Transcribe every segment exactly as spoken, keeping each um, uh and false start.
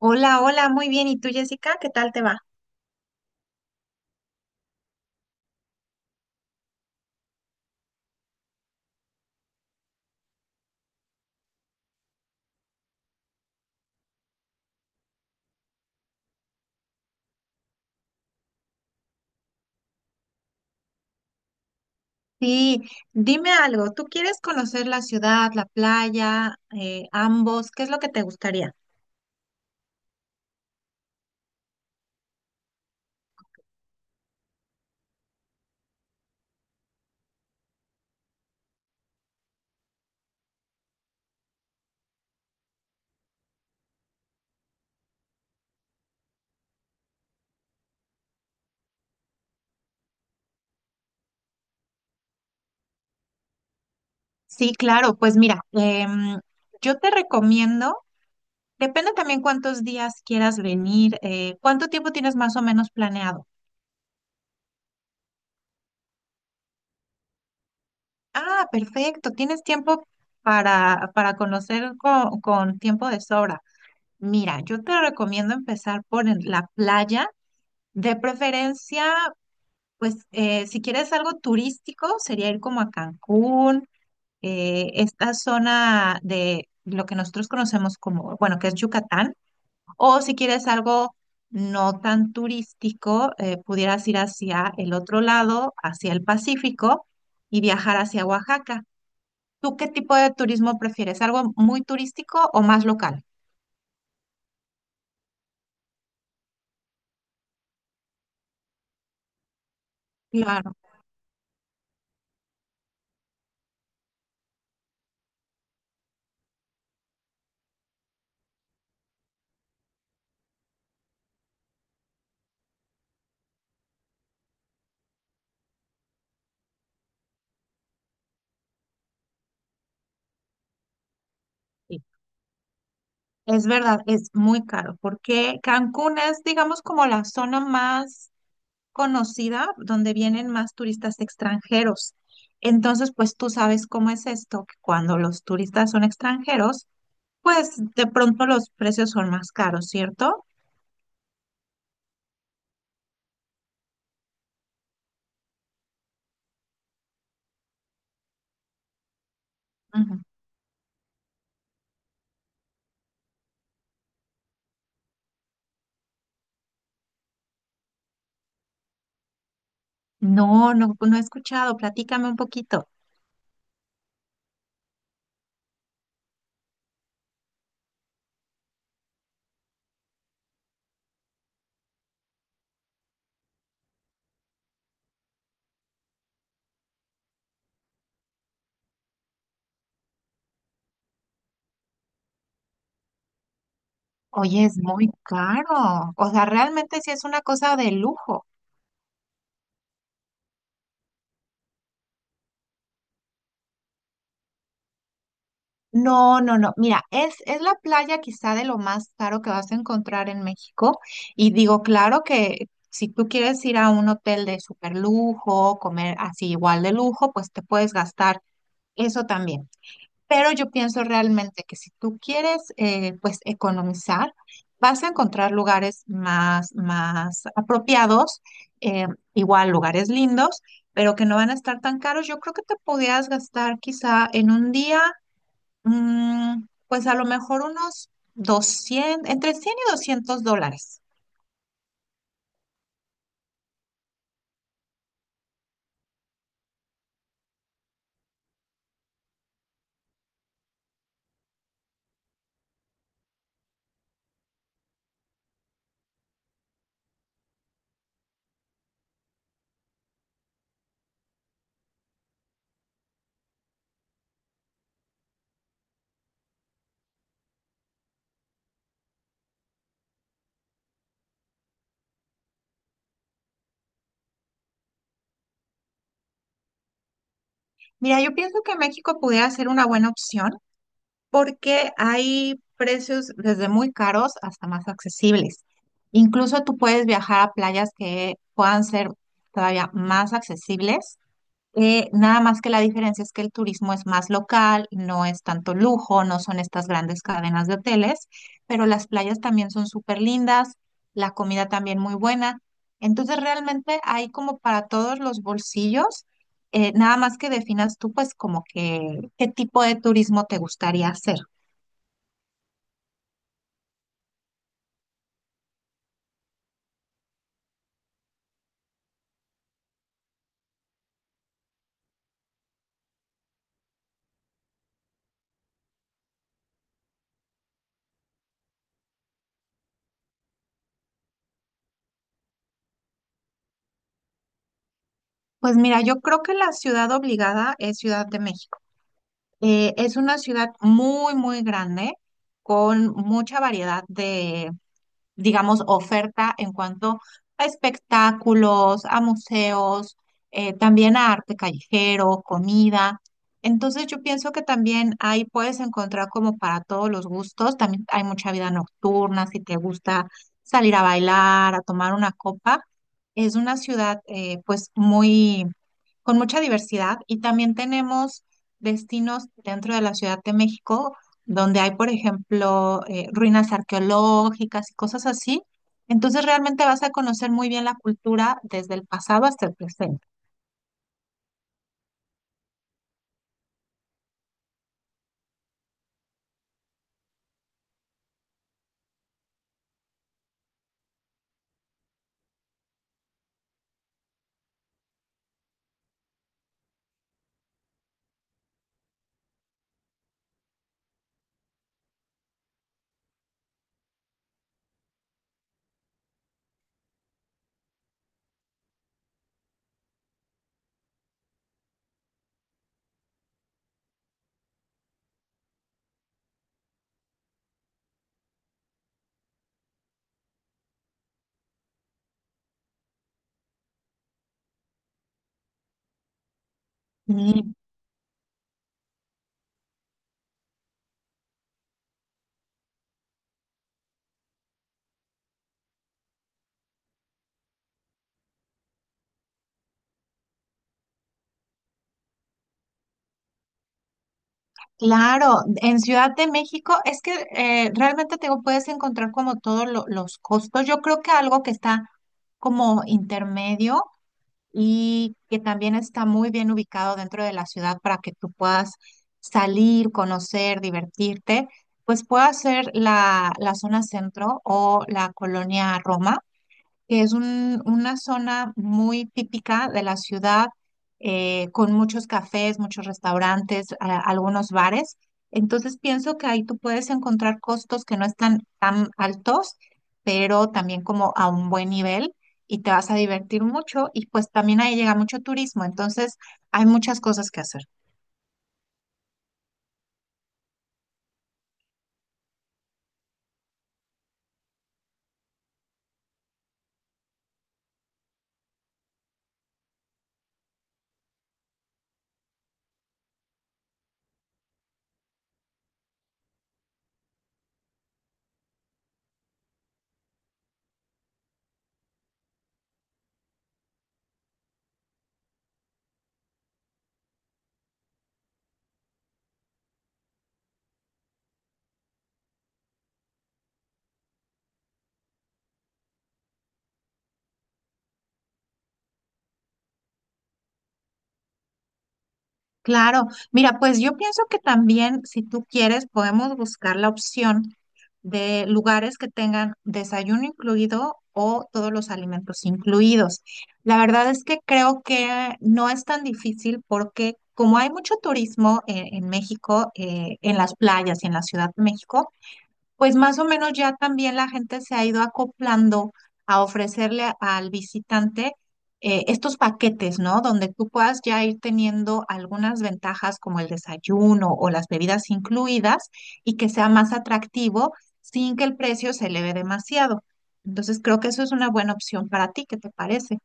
Hola, hola, muy bien. ¿Y tú, Jessica? ¿Qué tal te va? Sí, dime algo. ¿Tú quieres conocer la ciudad, la playa, eh, ambos? ¿Qué es lo que te gustaría? Sí, claro. Pues mira, em, yo te recomiendo, depende también cuántos días quieras venir, eh, cuánto tiempo tienes más o menos planeado. Ah, perfecto. Tienes tiempo para, para conocer con, con tiempo de sobra. Mira, yo te recomiendo empezar por en- la playa, de preferencia. Pues eh, si quieres algo turístico, sería ir como a Cancún, eh, esta zona de lo que nosotros conocemos como, bueno, que es Yucatán, o si quieres algo no tan turístico, eh, pudieras ir hacia el otro lado, hacia el Pacífico y viajar hacia Oaxaca. ¿Tú qué tipo de turismo prefieres? ¿Algo muy turístico o más local? Claro, sí. Es verdad, es muy caro, porque Cancún es, digamos, como la zona más conocida donde vienen más turistas extranjeros. Entonces, pues tú sabes cómo es esto, que cuando los turistas son extranjeros, pues de pronto los precios son más caros, ¿cierto? Ujú. No, no, no he escuchado, platícame un poquito. Oye, es muy caro. O sea, realmente sí es una cosa de lujo. No, no, no. Mira, es, es la playa quizá de lo más caro que vas a encontrar en México. Y digo, claro que si tú quieres ir a un hotel de super lujo, comer así igual de lujo, pues te puedes gastar eso también. Pero yo pienso realmente que si tú quieres, eh, pues economizar, vas a encontrar lugares más, más apropiados, eh, igual lugares lindos, pero que no van a estar tan caros. Yo creo que te podías gastar quizá en un día. Mm, pues a lo mejor unos doscientos entre cien y doscientos dólares. Mira, yo pienso que México pudiera ser una buena opción porque hay precios desde muy caros hasta más accesibles. Incluso tú puedes viajar a playas que puedan ser todavía más accesibles. Eh, nada más que la diferencia es que el turismo es más local, no es tanto lujo, no son estas grandes cadenas de hoteles, pero las playas también son súper lindas, la comida también muy buena. Entonces realmente hay como para todos los bolsillos, eh, nada más que definas tú pues como que qué tipo de turismo te gustaría hacer. Pues mira, yo creo que la ciudad obligada es Ciudad de México. Eh, es una ciudad muy, muy grande, con mucha variedad, digamos, oferta en cuanto a espectáculos, a museos, eh, también a arte callejero, comida. Entonces yo pienso que también ahí puedes encontrar como para todos los gustos, también hay mucha vida nocturna, si te gusta salir a bailar, a tomar una copa. Es una ciudad eh, pues muy, con mucha diversidad y también tenemos destinos dentro de la Ciudad de México donde hay, por ejemplo, eh, ruinas arqueológicas y cosas así. Entonces realmente vas a conocer muy bien la cultura desde el pasado hasta el presente. Y claro, en Ciudad de México es que eh, realmente te digo, puedes encontrar como todos lo- los costos. Yo creo que algo que está como intermedio y que también está muy bien ubicado dentro de la ciudad para que tú puedas salir, conocer, divertirte, pues puede ser la, la zona centro o la colonia Roma, que es un- una zona muy típica de la ciudad, eh, con muchos cafés, muchos restaurantes, a- algunos bares. Entonces pienso que ahí tú puedes encontrar costos que no están tan altos, pero también como a un buen nivel y te vas a divertir mucho y pues también ahí llega mucho turismo, entonces hay muchas cosas que hacer. Claro, mira, pues yo pienso que también si tú quieres podemos buscar la opción de lugares que tengan desayuno incluido o todos los alimentos incluidos. La verdad es que creo que no es tan difícil porque como hay mucho turismo eh, en, México, eh, en las playas y en la Ciudad de México, pues más o menos ya también la gente se ha ido acoplando a ofrecerle a- al visitante eh, estos paquetes, ¿no? Donde tú puedas ya ir teniendo algunas ventajas como el desayuno o las bebidas incluidas y que sea más atractivo sin que el precio se eleve demasiado. Entonces creo que eso es una buena opción para ti, ¿qué te parece?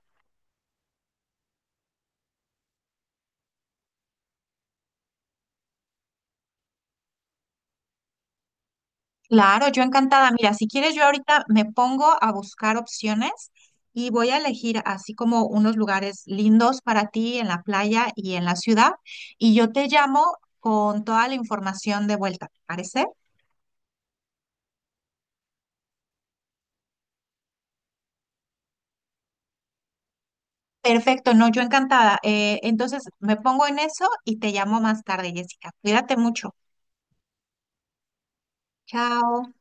Claro, yo encantada. Mira, si quieres, yo ahorita me pongo a buscar opciones y voy a elegir así como unos lugares lindos para ti en la playa y en la ciudad. Y yo te llamo con toda la información de vuelta, ¿te parece? Perfecto, no, yo encantada. Eh, entonces me pongo en eso y te llamo más tarde, Jessica. Cuídate mucho. Chao.